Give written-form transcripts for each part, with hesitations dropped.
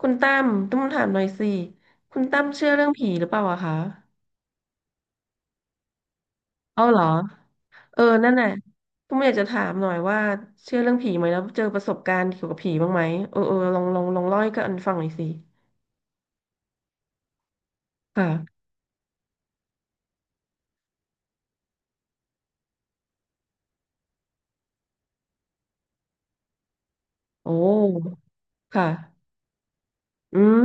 คุณตั้มต้องถามหน่อยสิคุณตั้มเชื่อเรื่องผีหรือเปล่าอะคะเอาเหรอเออนั่นน่ะผมอยากจะถามหน่อยว่าเชื่อเรื่องผีไหมแล้วเจอประสบการณ์เกี่ยวกับผีบ้างไหมเออเออลองเล่าให้กันฟังหน่อยสิค่ะโอ้ค่ะอืม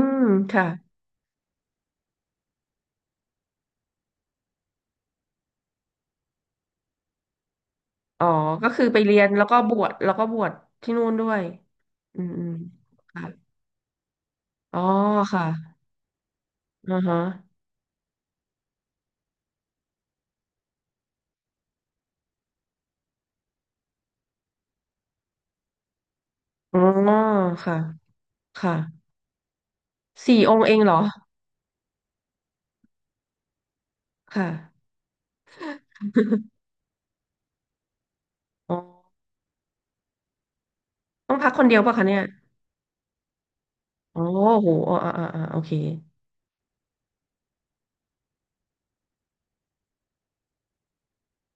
ค่ะอ๋อก็คือไปเรียนแล้วก็บวชที่นู่นด้วยอืมอืมค่ะอ๋อค่ะอือฮะอ๋อค่ะค่ะสี่องค์เองเหรอค่ะอ๋อต้องพักคนเดียวป่ะคะเนี่ย อ๋อโหอ่าอ่าอ่าอ่าโอเค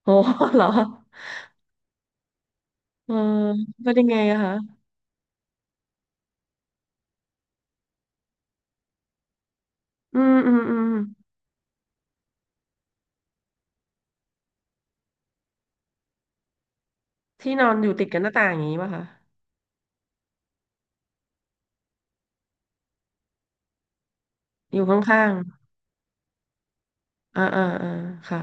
โห เหรอ เออเป็นยังไงอะคะอืมอืมอืมที่นอนอยู่ติดกับหน้าต่างอย่างนี้ป่ะคะอยู่ข้างๆอ่าอ่าอ่าค่ะ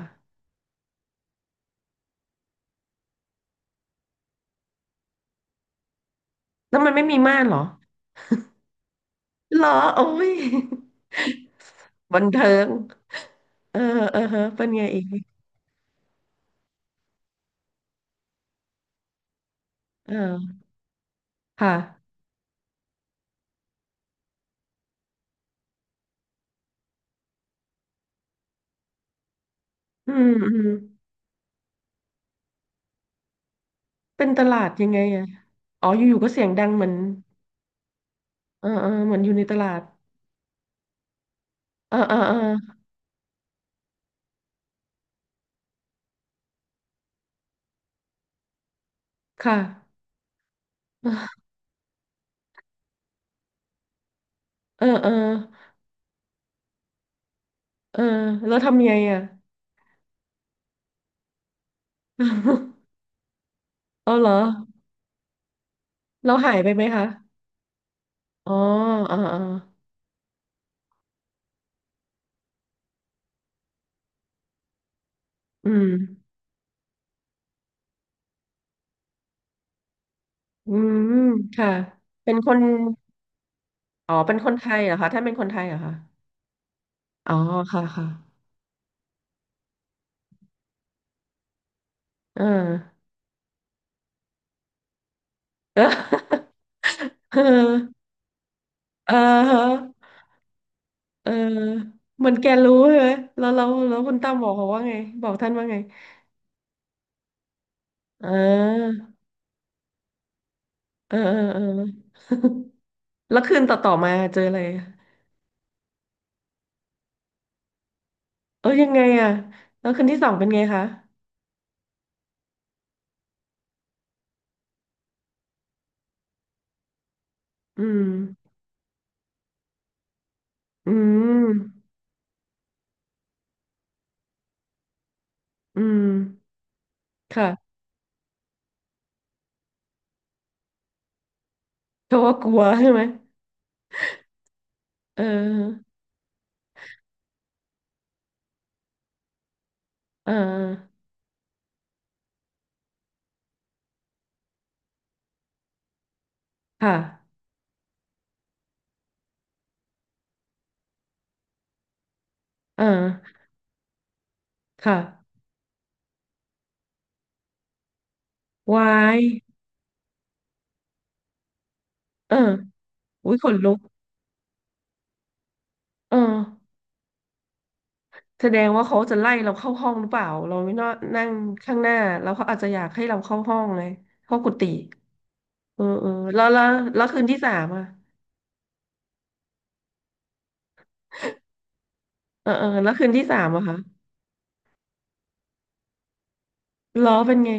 แล้วมันไม่มีม่านเหรอเหรอโอ้ย บันเทิงเออเออฮะเป็นไงอีกเออค่ะอืมอืมเป็นตลาดยังไงอะอ๋ออยู่ๆก็เสียงดังเหมือนเออเออเหมือนอยู่ในตลาดเออเออเออค่ะเออเออ เออแล้วทำไงอ่ะ เอาเหรอเราหายไปไหมคะอ๋ออ๋ออ๋ออืมอืมค่ะเป็นคนอ๋อเป็นคนไทยเหรอคะท่านเป็นคนไทยเหรอคะอ๋อค่ะค่ะเออ เออเออเออฮะเออเหมอนแกรู้ใช่ไหมแล้วคุณตั้มบอกเขาว่าไงบอกท่านว่าไงเออเออเออเออ แล้วคืนต่อมาเจออะไรอะเออยังไงอะแล้วคืนที่สองเป็นไงคะ อืมอืม อืม ค่ะเขาว่ากลัวใช่ไหมเออเออค่ะเออค่ะวายเอออุ้ยขนลุกเออแสดงว่าเขาจะไล่เราเข้าห้องหรือเปล่า เราไม่นอนนั่งข้างหน้าแล้วเขาอาจจะอยากให้เราเข้าห้องเลยเข้ากุฏิเออเออแล้วคืนที่สามอ่ะเออเออแล้วคืนที่สามอะคะล้อเป็นไง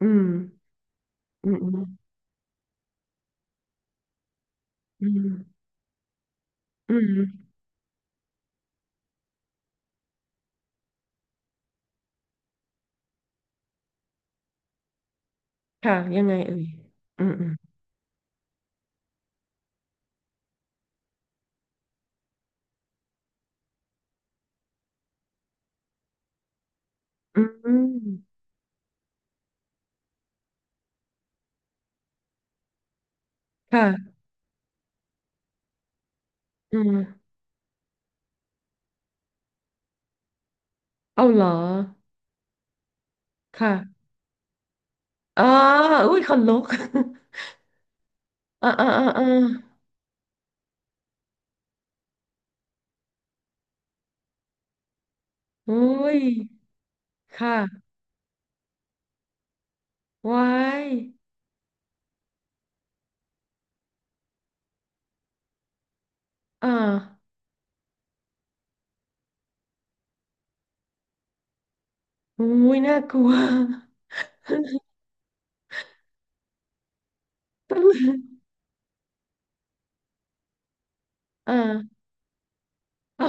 อืมอืมอืมอืมอืมค่ะยังไงเอ่ยอืมอืมอืม ค่ะอืมเอาเหรอค่ะอ๋ออุ้ยขนลุก อ่าอ่าอ่าอ่าอุ้ยค่ะไว้ายอ่าอุ้ย น่ากลัว ตะลึงอ่าอ๋อ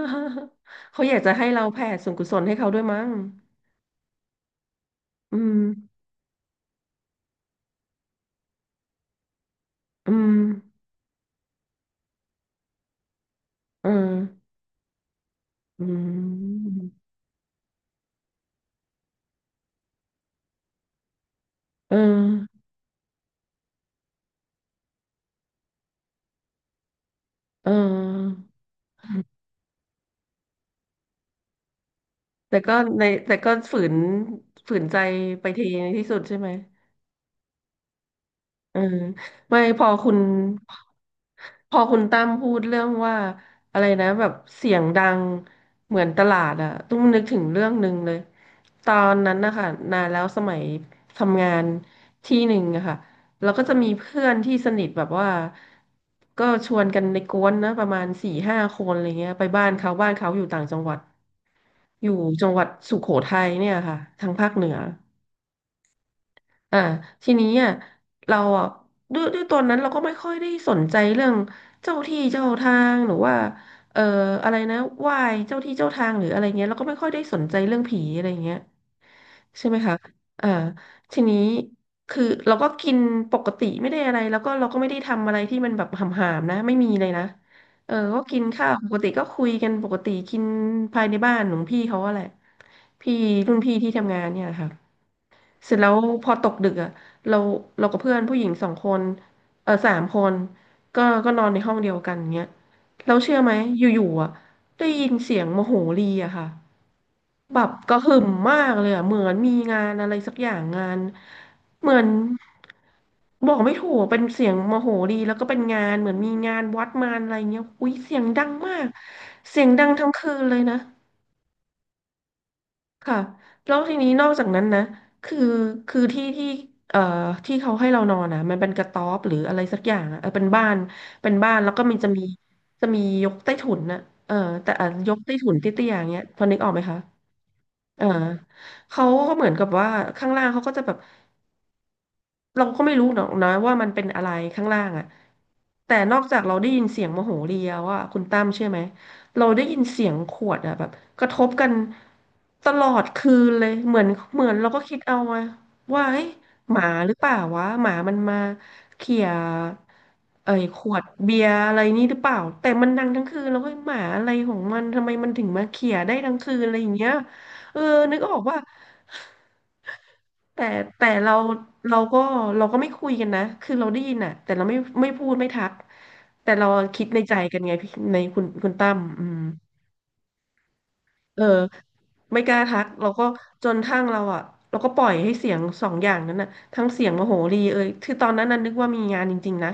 เขาอยากจะให้เราแผ่ส่วนกุศลให้เขาด้วยมั้งอืมอืมเอออืมเออเออแต่ก็ในแต่ก็ฝืนใจไปทีในที่สุดใช่ไหม เออไม่พอคุณพอคุณตั้มพูดเรื่องว่าอะไรนะแบบเสียงดังเหมือนตลาดอะตุ้มนึกถึงเรื่องหนึ่งเลยตอนนั้นนะคะนานแล้วสมัยทำงานที่หนึ่งอะค่ะเราก็จะมีเพื่อนที่สนิทแบบว่าก็ชวนกันในกวนนะประมาณสี่ห้าคนอะไรเงี้ยไปบ้านเขาบ้านเขาอยู่ต่างจังหวัดอยู่จังหวัดสุโขทัยเนี่ยค่ะทางภาคเหนือ อ่าทีนี้อ่ะเราอ่ะด้วยตอนนั้นเราก็ไม่ค่อยได้สนใจเรื่องเจ้าที่เจ้าทางหรือว่าเอ่ออะไรนะไหว้เจ้าที่เจ้าทางหรืออะไรเงี้ยเราก็ไม่ค่อยได้สนใจเรื่องผีอะไรเงี้ยใช่ไหมคะอ่าทีนี้คือเราก็กินปกติไม่ได้อะไรแล้วก็เราก็ไม่ได้ทำอะไรที่มันแบบหำๆนะไม่มีเลยนะเออก็กินข้าวปกติก็คุยกันปกติกินภายในบ้านของพี่เขาอะแหละพี่รุ่นพี่ที่ทำงานเนี่ยแหละค่ะ เสร็จแล้วพอตกดึกอ่ะเราเรากับเพื่อนผู้หญิงสองคนเออสามคนก็นอนในห้องเดียวกันเงี้ยเราเชื่อไหมอยู่ๆอ่ะได้ยินเสียงโมโหรีอะค่ะแบบกระหึ่มมากเลยอ่ะเหมือนมีงานอะไรสักอย่างงานเหมือนบอกไม่ถูกเป็นเสียงโมโหรีแล้วก็เป็นงานเหมือนมีงานวัดมานอะไรเงี้ยอุ้ยเสียงดังมากเสียงดังทั้งคืนเลยนะ ค่ะแล้วทีนี้นอกจากนั้นนะคือที่เอ่อที่เขาให้เรานอนนะมันเป็นกระต๊อบหรืออะไรสักอย่างอะเออเป็นบ้านเป็นบ้านแล้วก็มันจะมีจะมียกใต้ถุนนะเออแต่อ่ะยกใต้ถุนเตี้ยๆอย่างเงี้ยพอนึกออกไหมคะเออเขาก็เหมือนกับว่าข้างล่างเขาก็จะแบบ เราก็ไม่รู้หรอกนะว่ามันเป็นอะไรข้างล่างอ่ะแต่นอกจากเราได้ยินเสียงโมโหเรียว่าคุณตั้มเชื่อไหมเราได้ยินเสียงขวดอ่ะแบบกระทบกันตลอดคืนเลยเหมือนเหมือนเราก็คิดเอาอะว่าเฮ้ยหมาหรือเปล่าวะหมามันมาเขี่ยเอ้ยขวดเบียร์อะไรนี่หรือเปล่าแต่มันดังทั้งคืนแล้วก็หมาอะไรของมันทำไมมันถึงมาเขี่ยได้ทั้งคืนอะไรอย่างเงี้ยเออนึกออกว่า แต่แต่เราก็เราก็ไม่คุยกันนะคือเราได้ยินอ่ะแต่เราไม่ไม่พูดไม่ทักแต่เราคิดในใจกันไงพี่ในคุณคุณตั้มอืมเออไม่กล้าทักเราก็จนทั้งเราอ่ะเราก็ปล่อยให้เสียงสองอย่างนั้นน่ะทั้งเสียงโมโหรีเอ่ยคือตอนนั้นน่ะนึกว่ามีงานจริงๆนะ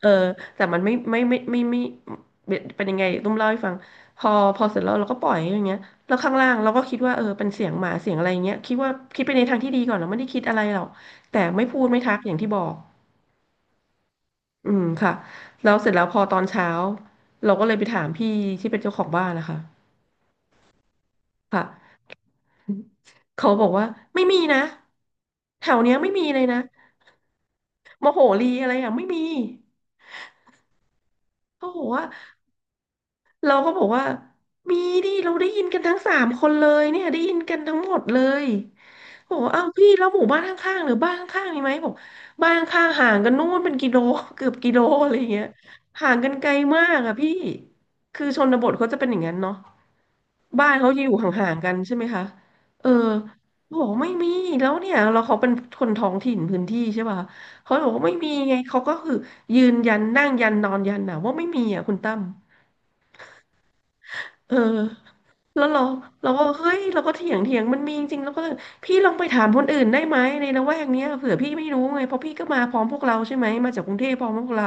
เออแต่มันไม่เป็นยังไงตุ้มเล่าให้ฟังพอพอเสร็จแล้วเราก็ปล่อยอย่างเงี้ยแล้วข้างล่างเราก็คิดว่าเออเป็นเสียงหมาเสียงอะไรเงี้ยคิดว่าคิดไปในทางที่ดีก่อนเราไม่ได้คิดอะไรหรอกแต่ไม่พูดไม่ทักอย่างที่บอกอืมค่ะแล้วเสร็จแล้วพอตอนเช้าเราก็เลยไปถามพี่ที่เป็นเจ้าของบ้านนะคะค่ะเขาบอกว่าไม่มีนะแถวเนี้ยไม่มีเลยนะโมโหลีอะไรอย่างไม่มีเขาบอกว่า เราก็บอกว่ามีดิเราได้ยินกันทั้งสามคนเลยเนี่ยได้ยินกันทั้งหมดเลยบอกว่าอ้าวพี่แล้วหมู่บ้านข้างๆหรือบ้านข้างๆมีไหมบอกบ้านข้างห่างกันนู่นเป็นกิโล เกือบกิโลอะไรอย่างเงี้ยห่างกันไกลมากอะพี่คือชนบทเขาจะเป็นอย่างนั้นเนาะบ้านเขาจะอยู่ห่างๆกันใช่ไหมคะเออเขาบอกไม่มีแล้วเนี่ยเราเขาเป็นคนท้องถิ่นพื้นที่ใช่ป่ะเขาบอกว่าไม่มีไงเขาก็คือยืนยันนั่งยันนอนยันนะว่าไม่มีอ่ะคุณตั้ม เออแล้วเราก็เฮ้ยเราก็เถียงมันมีจริงๆแล้วก็เลยพี่ลองไปถามคนอื่นได้ไหมในละแวกเนี้ยเผื่อพี่ไม่รู้ไงเพราะพี่ก็มาพร้อมพวกเราใช่ไหมมาจากกรุงเทพพร้อมพวกเรา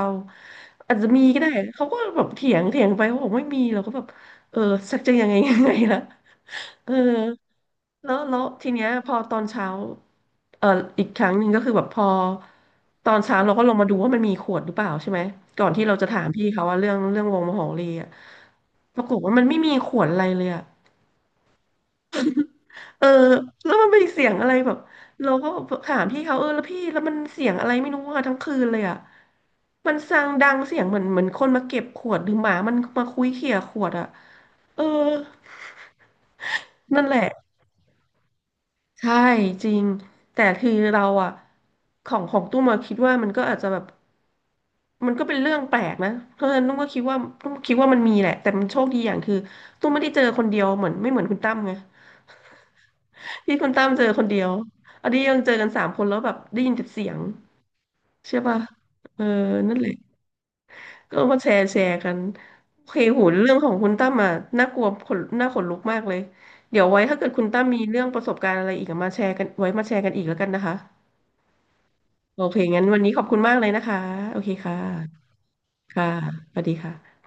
อาจจะมีก็ได้เขาก็แบบเถียงเถียงไปเขาบอกไม่มีเราก็แบบเออสักจะยังไง ยังไงล่ะเออแล้วทีเนี้ยพอตอนเช้าเอ่ออีกครั้งหนึ่งก็คือแบบพอตอนเช้าเราก็ลงมาดูว่ามันมีขวดหรือเปล่าใช่ไหมก่อนที่เราจะถามพี่เขาว่าเรื่องวงมโหรีอะปรากฏว่ามันไม่มีขวดอะไรเลยอะ เออแล้วมันเป็นเสียงอะไรแบบเราก็ถามพี่เขาเออแล้วพี่แล้วมันเสียงอะไรไม่รู้อะทั้งคืนเลยอะมันซางดังเสียงเหมือนเหมือนคนมาเก็บขวดหรือหมามันมาคุ้ยเขี่ยขวดอะเออนั่นแหละใช่จริงแต่คือเราอะของตุ้มมาคิดว่ามันก็อาจจะแบบมันก็เป็นเรื่องแปลกนะเพราะฉะนั้นตุ้มก็คิดว่าตุ้มคิดว่ามันมีแหละแต่มันโชคดีอย่างคือตุ้มไม่ได้เจอคนเดียวเหมือนไม่เหมือนคุณตั้มไงที่คุณตั้มเจอคนเดียวอันนี้ยังเจอกันสามคนแล้วแบบได้ยินแต่เสียง ใช่ป่ะเออนั่นแหละก็มาแชร์กันโอเคโหเรื่องของคุณตั้มอ่ะน่ากลัวขนน่าขนลุกมากเลยเดี๋ยวไว้ถ้าเกิดคุณตั้มมีเรื่องประสบการณ์อะไรอีกอะมาแชร์กันไว้มาแชร์กันอีกแล้วกันนะคะโอเคงั้นวันนี้ขอบคุณมากเลยนะคะโอเคค่ะค่ะสวัสดีค่ะ